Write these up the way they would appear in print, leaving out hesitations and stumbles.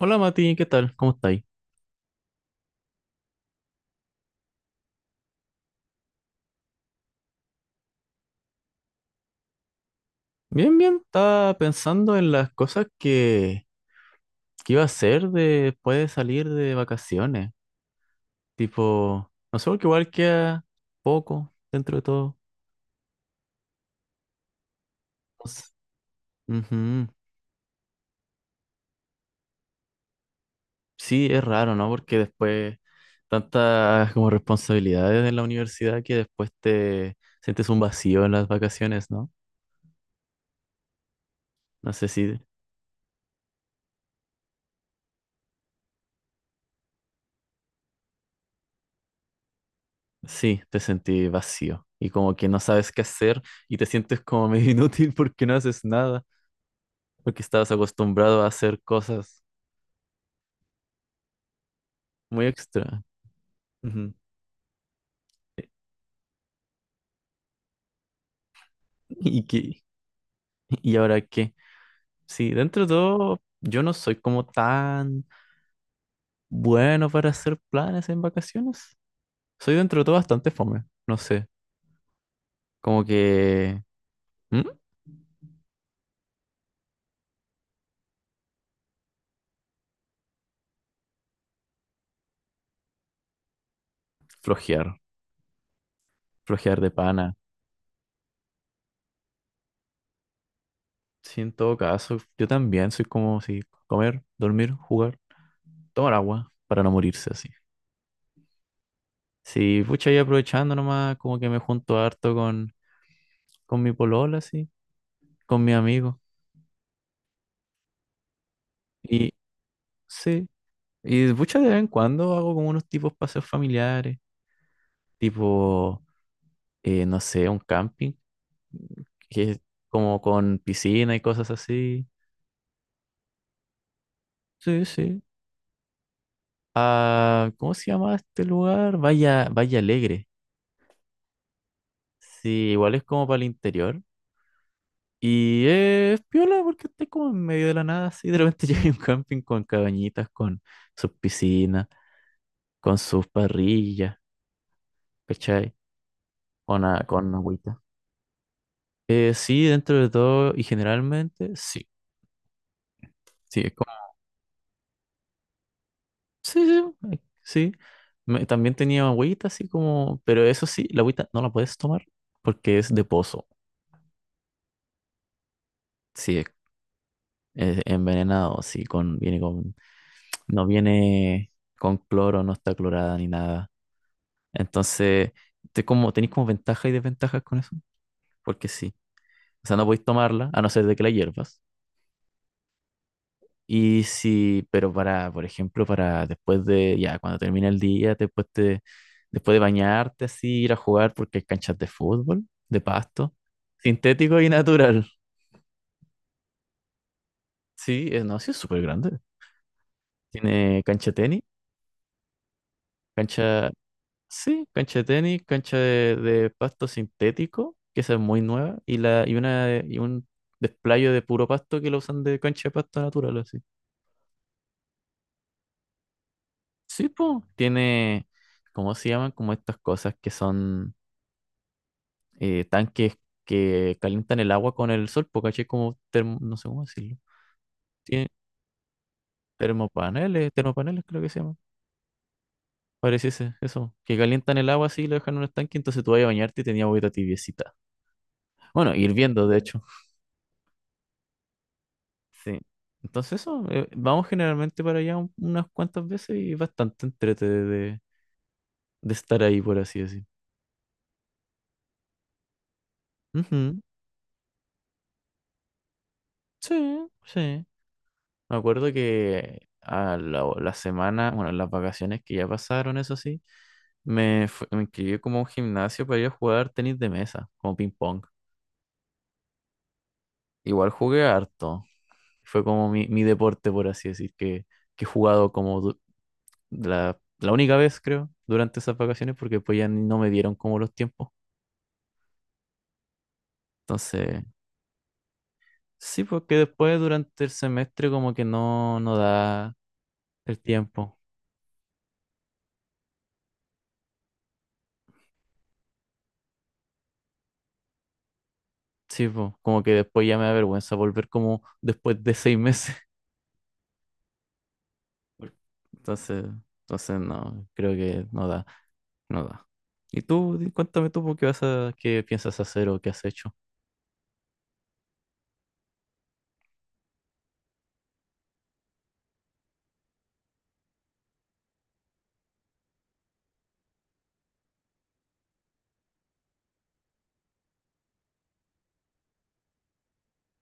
Hola Mati, ¿qué tal? ¿Cómo estáis? Bien, bien. Estaba pensando en las cosas que iba a hacer después de salir de vacaciones. Tipo, no sé, porque igual queda poco dentro de todo. Entonces, ujú. Sí, es raro, ¿no? Porque después tantas como responsabilidades en la universidad que después te sientes un vacío en las vacaciones, ¿no? No sé si, sí, te sentí vacío y como que no sabes qué hacer y te sientes como medio inútil porque no haces nada. Porque estabas acostumbrado a hacer cosas muy extra. Ujú. ¿Y qué? ¿Y ahora qué? Sí, dentro de todo, yo no soy como tan bueno para hacer planes en vacaciones. Soy dentro de todo bastante fome, no sé, como que ¿Mm? Flojear, flojear de pana. Sí, en todo caso, yo también soy como si comer, dormir, jugar, tomar agua para no morirse así. Sí, pucha, y aprovechando nomás, como que me junto harto con con mi polola, así. Con mi amigo. Y sí, y muchas de vez en cuando hago como unos tipos paseos familiares, tipo, no sé, un camping, que es como con piscina y cosas así. Sí, sí. Ah, ¿cómo se llama este lugar? Vaya, Vaya Alegre. Sí, igual es como para el interior. Y es piola porque está como en medio de la nada, así. De repente llega un camping con cabañitas, con sus piscinas, con sus parrillas, ¿cachai? Con, con agüita. Sí, dentro de todo y generalmente, sí. Sí, es como, sí, sí, sí. También tenía agüita, así como, pero eso sí, la agüita no la puedes tomar porque es de pozo. Sí, es envenenado, sí, con, viene con, no viene con cloro, no está clorada ni nada. Entonces, te como, tenéis como ventajas y desventajas con eso, porque sí. O sea, no podéis tomarla, a no ser de que la hiervas. Y si, pero para, por ejemplo, para después de, ya, cuando termina el día, después de bañarte, así, ir a jugar, porque hay canchas de fútbol, de pasto, sintético y natural. Sí, no, sí es súper grande. Tiene cancha de tenis, cancha, sí, cancha de tenis, cancha de pasto sintético, que esa es muy nueva, y y un desplayo de puro pasto que lo usan de cancha de pasto natural, así. Sí, pues, tiene, ¿cómo se llaman? Como estas cosas que son tanques que calientan el agua con el sol, porque caché como no sé cómo decirlo. Tiene termopaneles, termopaneles creo que se llaman. Pareciese eso, que calientan el agua así y lo dejan en un estanque, entonces tú vas a bañarte y tenías agüita tibiecita. Bueno, hirviendo, de hecho. Sí. Entonces eso, vamos generalmente para allá unas cuantas veces y bastante entrete de estar ahí, por así decir. Ujú. Sí, sí. Me acuerdo que a la semana, bueno, las vacaciones que ya pasaron, eso sí, me inscribí como a un gimnasio para ir a jugar tenis de mesa, como ping pong. Igual jugué harto. Fue como mi deporte, por así decir, que he jugado como la única vez, creo, durante esas vacaciones, porque pues ya no me dieron como los tiempos. Entonces, sí, porque después durante el semestre como que no, no da el tiempo. Sí, pues, como que después ya me da vergüenza volver como después de 6 meses. Por- Entonces, entonces no, creo que no da, no da. Y tú, cuéntame tú, po, ¿qué vas qué piensas hacer o qué has hecho?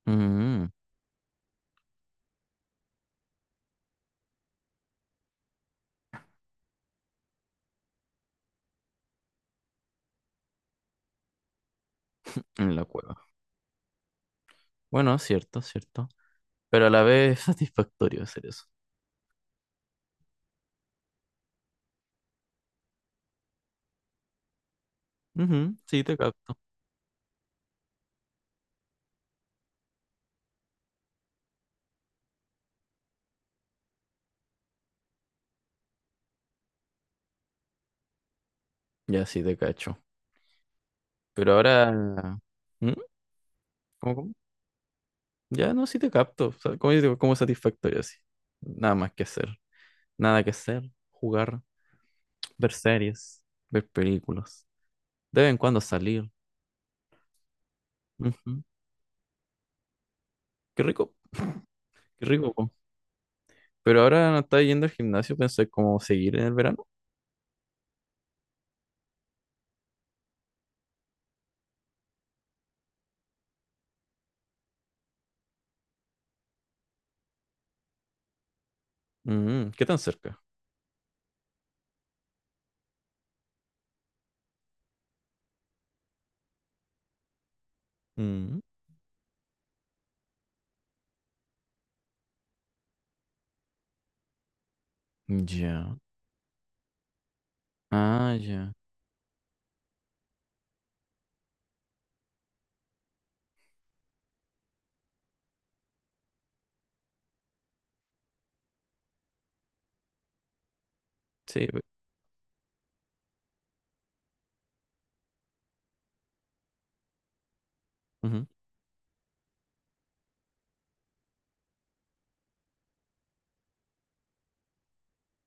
Mm, en la cueva. Bueno, cierto, cierto. Pero a la vez es satisfactorio hacer eso. Ujú, sí, te capto. Ya sí te cacho. Pero ahora... ¿Mm? ¿Cómo, cómo? Ya no, sí te capto. O sea, como, yo digo, como satisfactorio así. Nada más que hacer. Nada que hacer. Jugar. Ver series, ver películas, de vez en cuando salir. Ujú. Qué rico, qué rico. Po. Pero ahora no está yendo al gimnasio, pensé como seguir en el verano. Mm, ¿qué tan cerca? Mm, ya. Ah, ya. Sí. Ujú,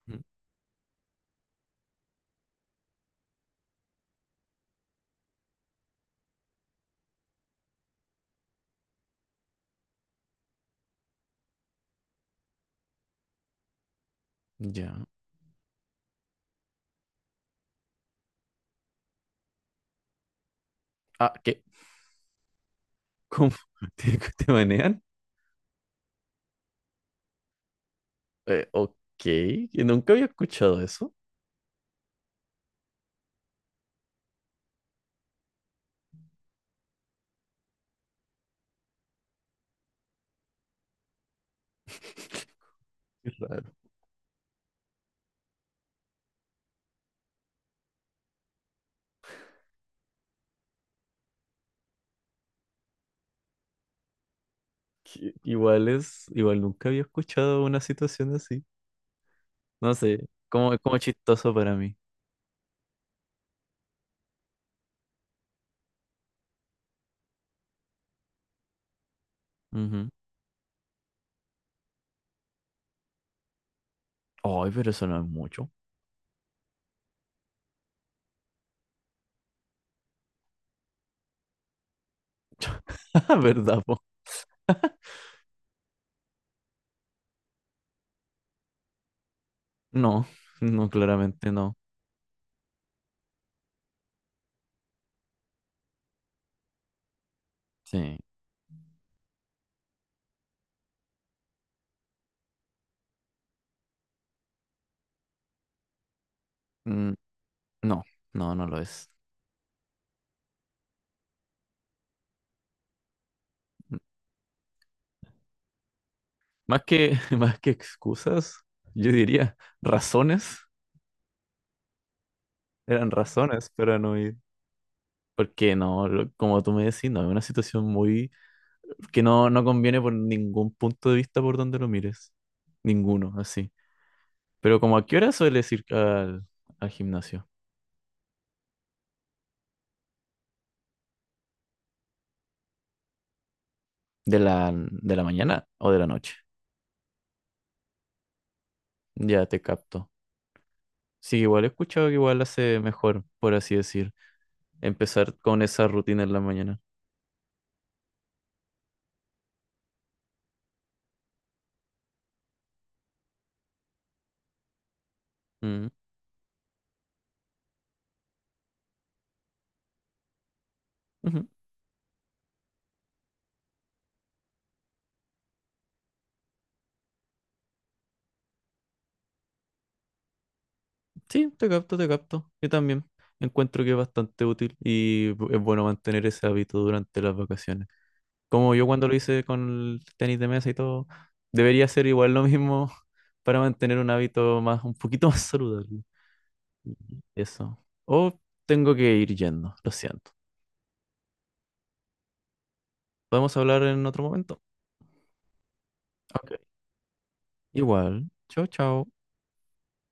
ujú, ya. Ah, ¿qué? ¿Cómo? ¿Te, te banean? Ok, que nunca había escuchado eso. Qué raro. Que igual es, igual nunca había escuchado una situación así. No sé, como, como chistoso para mí. Ay, pero eso no es mucho. ¿Verdad, po? No, no, claramente no. Sí. Mm, no, no, no lo es. Mm, más más que excusas, yo diría razones. Eran razones para no ir. Porque no, como tú me decís, no, es una situación muy que no, no conviene por ningún punto de vista por donde lo mires. Ninguno, así. Pero como a qué hora sueles ir al gimnasio? ¿De de la mañana o de la noche? Ya te capto. Sí, igual he escuchado que igual hace mejor, por así decir, empezar con esa rutina en la mañana. Mm, ujú. Sí, te capto, te capto. Yo también encuentro que es bastante útil y es bueno mantener ese hábito durante las vacaciones. Como yo cuando lo hice con el tenis de mesa y todo, debería ser igual lo mismo para mantener un hábito más, un poquito más saludable. Ujú. Eso. O tengo que ir yendo, lo siento. Podemos hablar en otro momento. Ok. Igual. Chao, chao.